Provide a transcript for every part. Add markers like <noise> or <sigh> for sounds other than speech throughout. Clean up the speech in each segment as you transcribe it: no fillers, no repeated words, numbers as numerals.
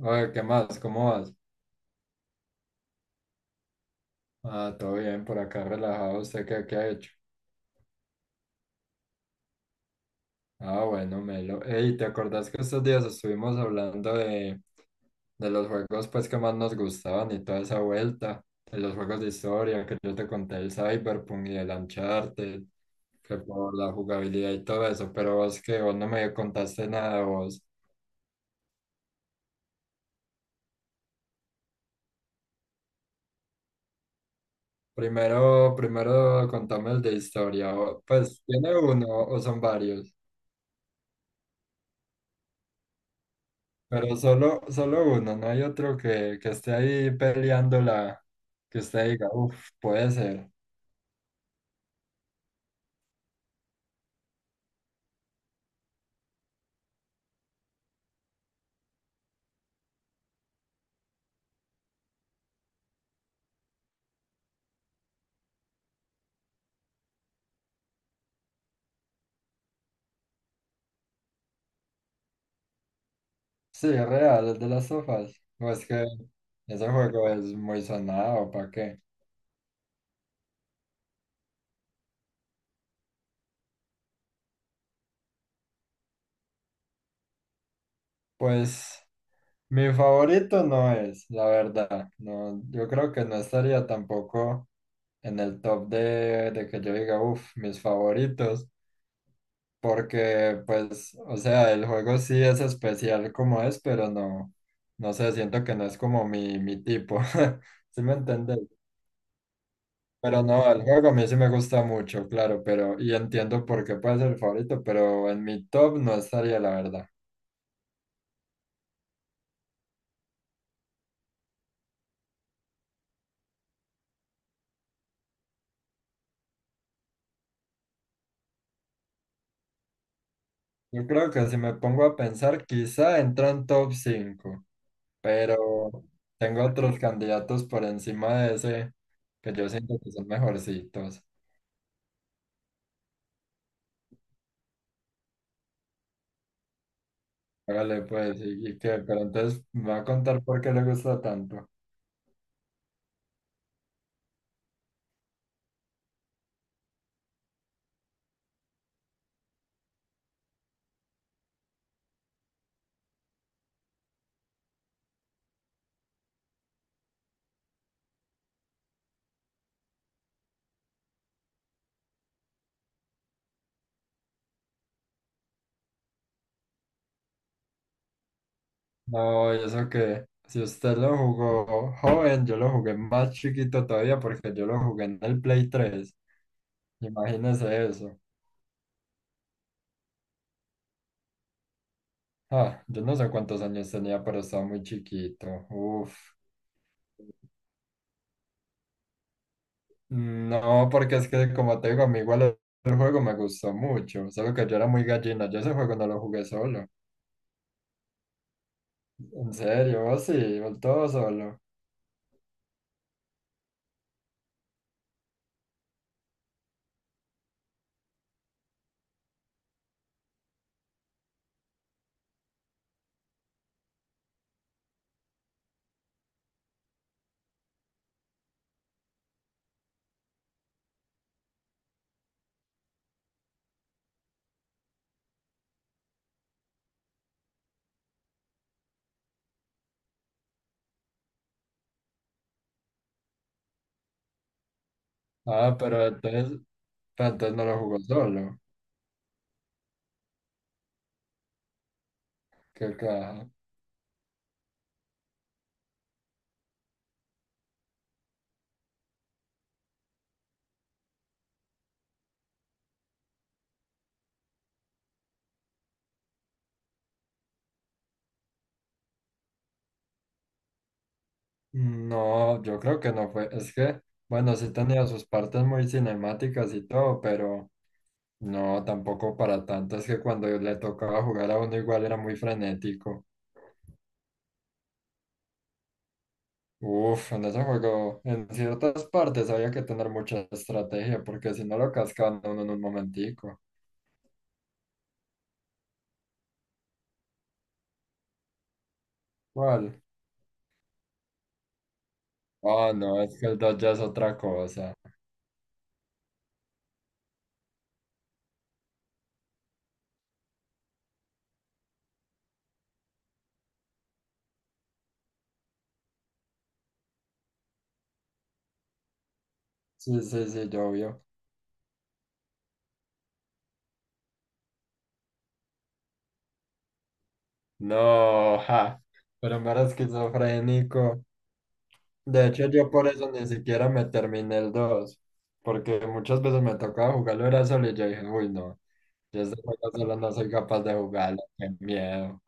Oye, ¿qué más? ¿Cómo vas? Ah, todo bien, por acá relajado. ¿Usted qué ha hecho? Ah, bueno, Melo. Ey, ¿te acordás que estos días estuvimos hablando de los juegos, pues, que más nos gustaban y toda esa vuelta? De los juegos de historia que yo te conté, el Cyberpunk y el Uncharted, que por la jugabilidad y todo eso, pero vos no me contaste nada, vos. Primero contame el de historia. Pues, ¿tiene uno o son varios? Pero solo uno, ¿no hay otro que esté ahí peleándola, que usted diga, uff, puede ser? Sí, es real, es de las sofás. Pues que ese juego es muy sonado, ¿para qué? Pues mi favorito no es, la verdad. No, yo creo que no estaría tampoco en el top de que yo diga, uff, mis favoritos. Porque, pues, o sea, el juego sí es especial como es, pero no, no sé, siento que no es como mi tipo. <laughs> ¿Sí me entiendes? Pero no, el juego a mí sí me gusta mucho, claro, pero, y entiendo por qué puede ser el favorito, pero en mi top no estaría, la verdad. Yo creo que si me pongo a pensar, quizá entra en top 5, pero tengo otros candidatos por encima de ese que yo siento que son mejorcitos. Hágale, pues, y qué, pero entonces me va a contar por qué le gusta tanto. No, y eso que si usted lo jugó joven, yo lo jugué más chiquito todavía porque yo lo jugué en el Play 3. Imagínese eso. Ah, yo no sé cuántos años tenía, pero estaba muy chiquito. Uf. No, porque es que, como te digo, a mí igual el juego me gustó mucho, solo que yo era muy gallina, yo ese juego no lo jugué solo. En serio, vos sí, vos todo solo. Ah, pero entonces no lo jugó solo. Que ca- No, yo creo que no fue. Es que, bueno, sí tenía sus partes muy cinemáticas y todo, pero no, tampoco para tanto. Es que cuando le tocaba jugar a uno igual era muy frenético. Uf, en ese juego, en ciertas partes había que tener mucha estrategia, porque si no lo cascaban a uno en un momentico. ¿Cuál? Ah, no, es que el dos ya es otra cosa. Sí, sí, sí, yo obvio. No, ja, pero me era esquizofrénico. De hecho, yo por eso ni siquiera me terminé el dos, porque muchas veces me tocaba jugarlo era solo y yo dije, uy, no, yo este juego solo no soy capaz de jugarlo, qué miedo.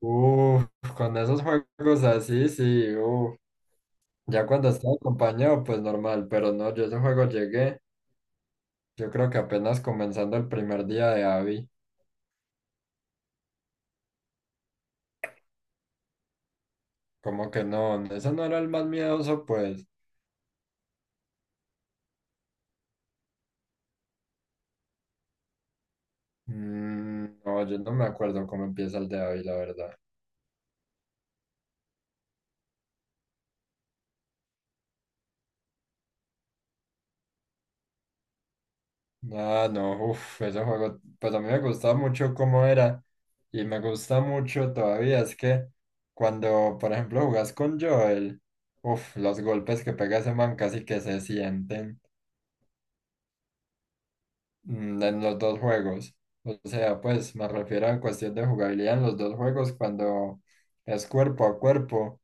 Uf, con esos juegos así, sí, uf. Ya cuando estaba acompañado, pues normal, pero no, yo ese juego llegué, yo creo que apenas comenzando el primer día de Abby, como que no, ese no era el más miedoso, pues. Mm, no, yo no me acuerdo cómo empieza el de Abby, la verdad. Ah, no, uff, ese juego, pues a mí me gustaba mucho cómo era y me gusta mucho todavía. Es que cuando, por ejemplo, jugás con Joel, uff, los golpes que pega ese man casi que se sienten, mm, en los dos juegos. O sea, pues me refiero a cuestión de jugabilidad en los dos juegos cuando es cuerpo a cuerpo.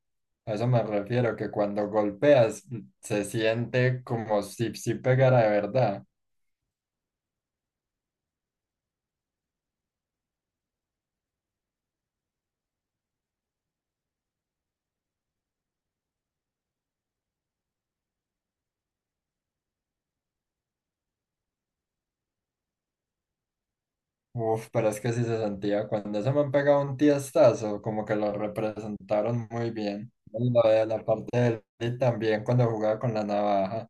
A eso me refiero, que cuando golpeas se siente como si pegara de verdad. Uf, pero es que sí se sentía cuando ese han pegado un tiestazo, como que lo representaron muy bien. Y lo de la parte del y también cuando jugaba con la navaja.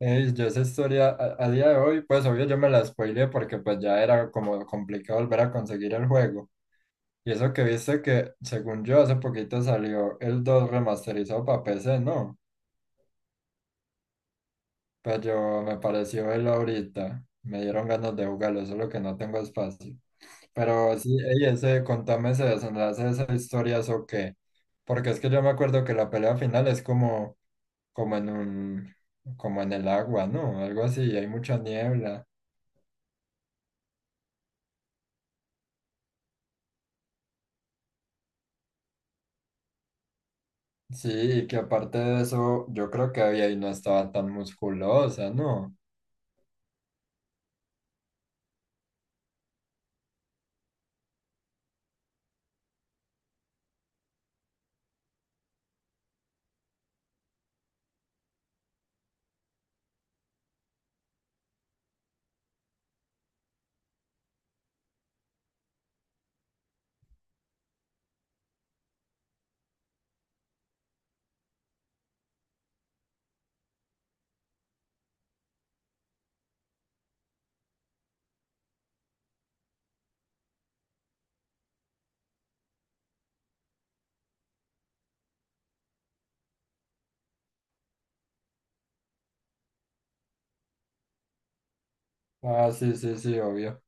Ey, yo esa historia a día de hoy, pues obvio yo me la spoileé, porque pues ya era como complicado volver a conseguir el juego. Y eso que viste que, según yo, hace poquito salió el 2 remasterizado para PC, ¿no? Pero yo me pareció el ahorita. Me dieron ganas de jugarlo, solo que no tengo espacio. Pero sí, ey, ese, contame ese desenlace de esa historia, ¿eso qué? Porque es que yo me acuerdo que la pelea final es como, como en un, como en el agua, ¿no? Algo así, hay mucha niebla. Sí, y que aparte de eso, yo creo que ella ahí no estaba tan musculosa, ¿no? Ah, sí, sí, sí, obvio.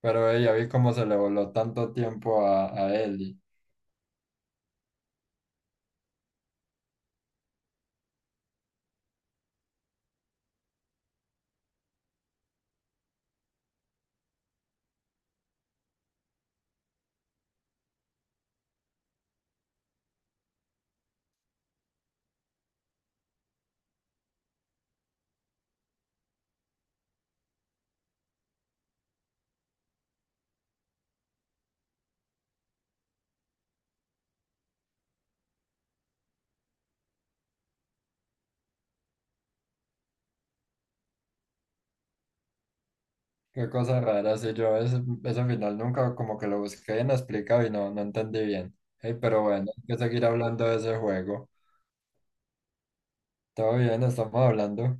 Pero ella vi cómo se le voló tanto tiempo a Ellie. Qué cosa rara. Sí, yo ese final nunca como que lo busqué bien explicado y no, no entendí bien. Ey, pero bueno, hay que seguir hablando de ese juego. Todo bien, estamos hablando.